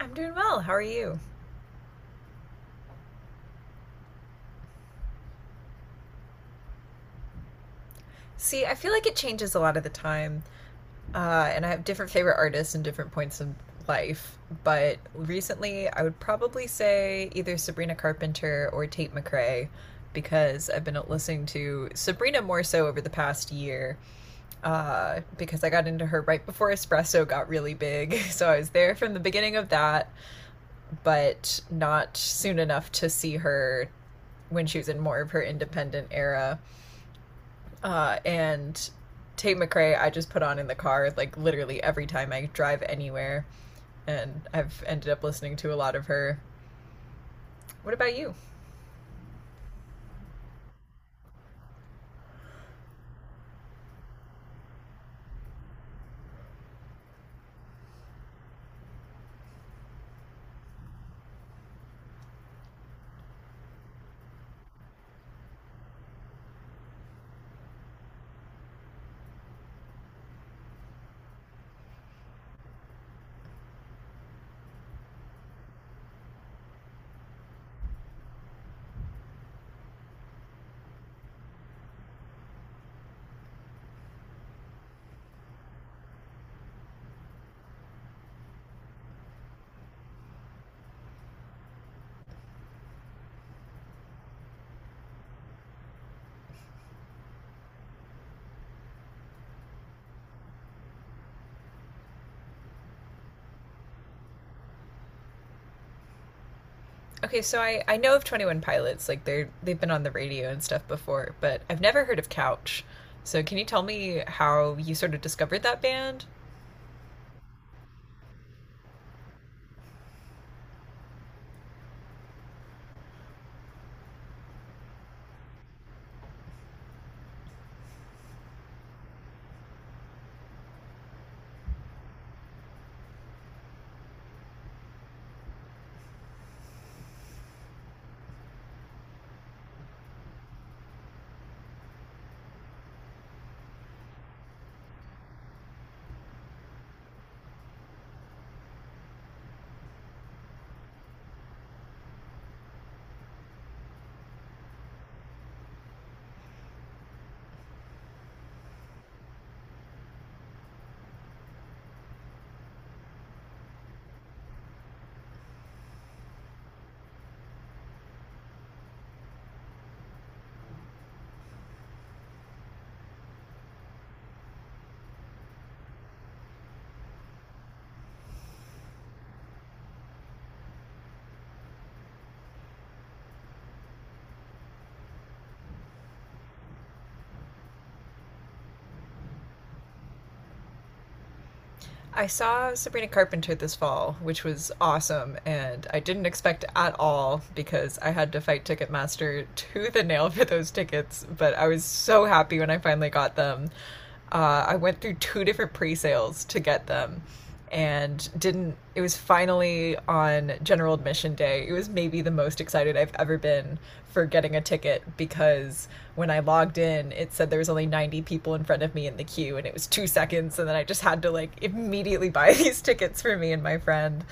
I'm doing well. How are you? See, I feel like it changes a lot of the time, and I have different favorite artists and different points in life. But recently, I would probably say either Sabrina Carpenter or Tate McRae, because I've been listening to Sabrina more so over the past year, because I got into her right before Espresso got really big. So I was there from the beginning of that, but not soon enough to see her when she was in more of her independent era. And Tate McRae I just put on in the car like literally every time I drive anywhere, and I've ended up listening to a lot of her. What about you? Okay, so I know of Twenty One Pilots, like they've been on the radio and stuff before, but I've never heard of Couch. So can you tell me how you sort of discovered that band? I saw Sabrina Carpenter this fall, which was awesome, and I didn't expect at all because I had to fight Ticketmaster to the nail for those tickets, but I was so happy when I finally got them. I went through two different pre sales to get them, and didn't, it was finally on general admission day. It was maybe the most excited I've ever been for getting a ticket, because when I logged in it said there was only 90 people in front of me in the queue, and it was 2 seconds, and then I just had to like immediately buy these tickets for me and my friend.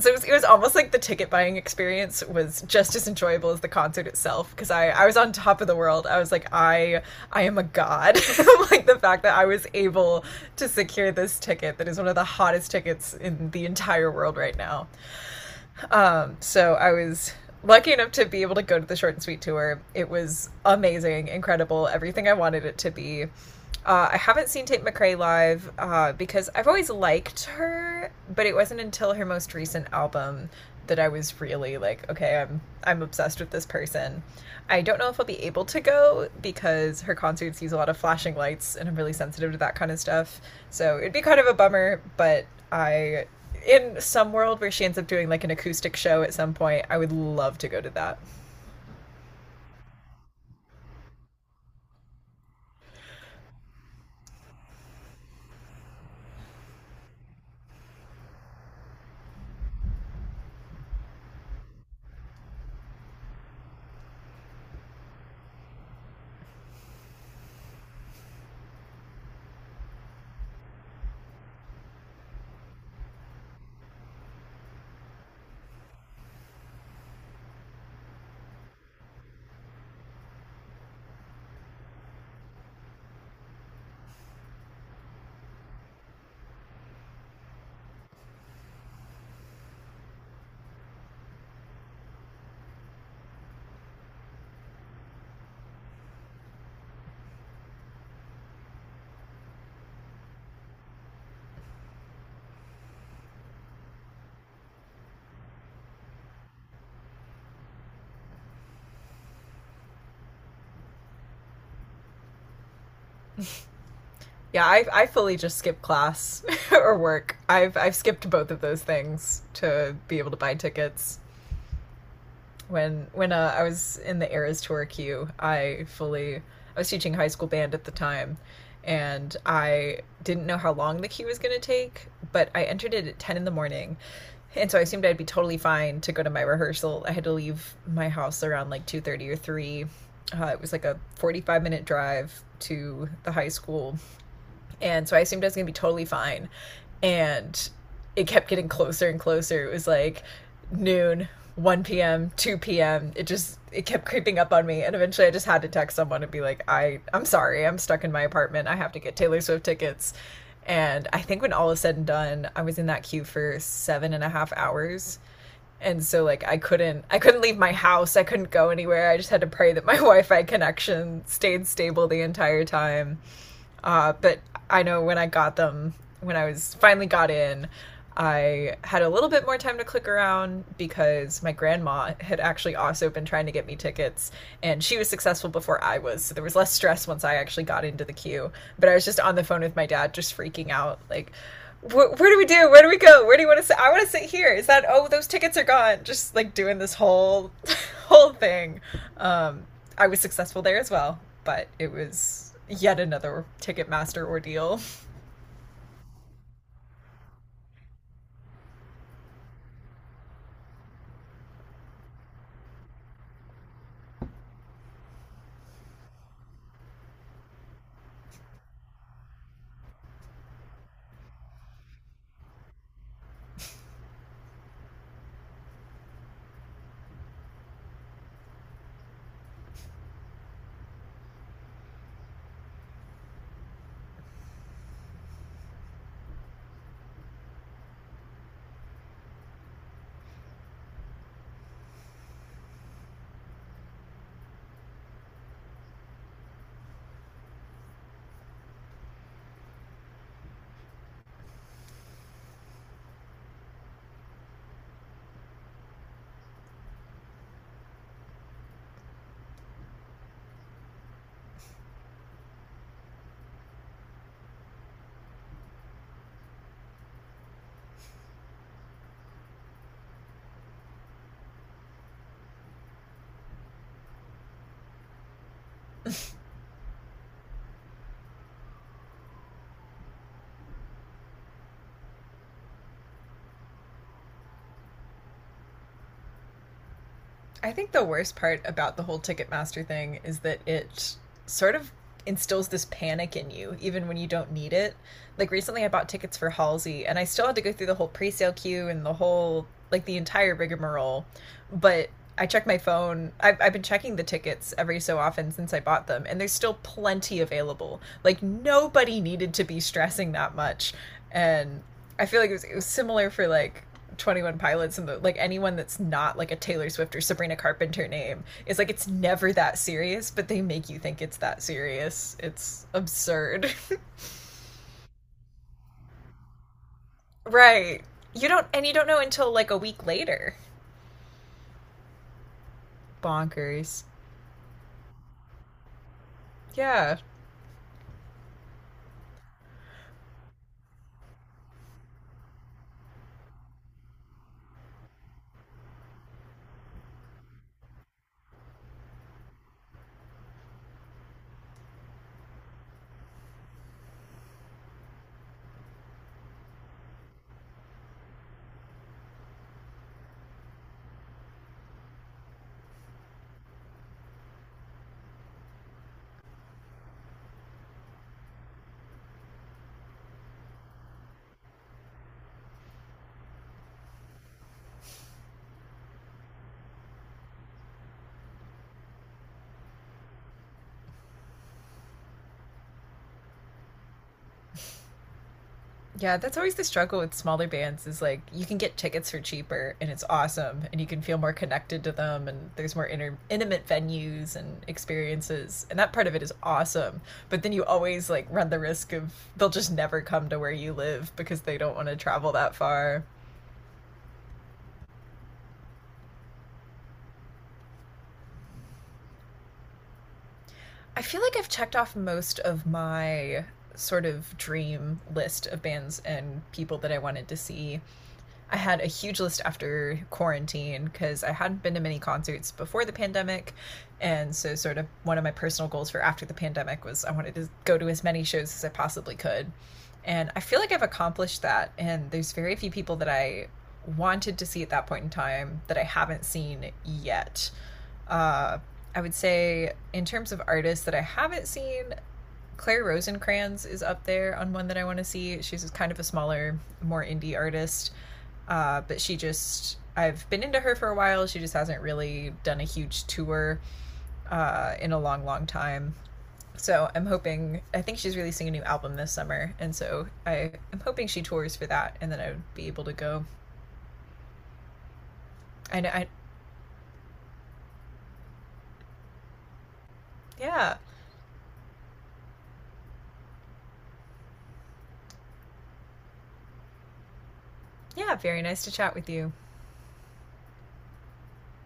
So it was almost like the ticket buying experience was just as enjoyable as the concert itself, because I was on top of the world. I was like, I am a god. Like the fact that I was able to secure this ticket that is one of the hottest tickets in the entire world right now. So I was lucky enough to be able to go to the short and sweet tour. It was amazing, incredible, everything I wanted it to be. I haven't seen Tate McRae live because I've always liked her, but it wasn't until her most recent album that I was really like, okay, I'm obsessed with this person. I don't know if I'll be able to go because her concerts use a lot of flashing lights, and I'm really sensitive to that kind of stuff. So it'd be kind of a bummer, but I, in some world where she ends up doing like an acoustic show at some point, I would love to go to that. Yeah, I fully just skip class or work. I've skipped both of those things to be able to buy tickets. When I was in the Eras tour queue, I fully I was teaching high school band at the time, and I didn't know how long the queue was going to take, but I entered it at 10 in the morning. And so I assumed I'd be totally fine to go to my rehearsal. I had to leave my house around like 2:30 or three. It was like a 45 minute drive to the high school, and so I assumed I was going to be totally fine. And it kept getting closer and closer. It was like noon, 1 p.m., 2 p.m. It just it kept creeping up on me, and eventually I just had to text someone and be like, "I I'm sorry. I'm stuck in my apartment. I have to get Taylor Swift tickets." And I think when all is said and done, I was in that queue for seven and a half hours. And so like I couldn't leave my house. I couldn't go anywhere. I just had to pray that my Wi-Fi connection stayed stable the entire time. But I know when I got them, when I was finally got in, I had a little bit more time to click around because my grandma had actually also been trying to get me tickets, and she was successful before I was. So there was less stress once I actually got into the queue. But I was just on the phone with my dad, just freaking out like, where do we do? Where do we go? Where do you want to sit? I want to sit here. Is that, oh, those tickets are gone. Just like doing this whole, whole thing. I was successful there as well, but it was yet another Ticketmaster ordeal. I think the worst part about the whole Ticketmaster thing is that it sort of instills this panic in you, even when you don't need it. Like recently, I bought tickets for Halsey, and I still had to go through the whole pre sale queue and the whole, like, the entire rigmarole. But I check my phone. I've been checking the tickets every so often since I bought them, and there's still plenty available. Like nobody needed to be stressing that much, and I feel like it was similar for like Twenty One Pilots and the, like anyone that's not like a Taylor Swift or Sabrina Carpenter name. It's like it's never that serious, but they make you think it's that serious. It's absurd, right? You don't, and you don't know until like a week later. Bonkers. Yeah. Yeah, that's always the struggle with smaller bands is like you can get tickets for cheaper and it's awesome and you can feel more connected to them and there's more intimate venues and experiences, and that part of it is awesome. But then you always like run the risk of they'll just never come to where you live because they don't want to travel that far. I feel like I've checked off most of my sort of dream list of bands and people that I wanted to see. I had a huge list after quarantine because I hadn't been to many concerts before the pandemic. And so, sort of, one of my personal goals for after the pandemic was I wanted to go to as many shows as I possibly could. And I feel like I've accomplished that. And there's very few people that I wanted to see at that point in time that I haven't seen yet. Uh, I would say, in terms of artists that I haven't seen, Claire Rosencrantz is up there on one that I want to see. She's kind of a smaller, more indie artist, but she just I've been into her for a while. She just hasn't really done a huge tour in a long, long time. So I'm hoping. I think she's releasing a new album this summer, and so I am hoping she tours for that, and then I would be able to go. I know. I yeah, yeah. Very nice to chat with you.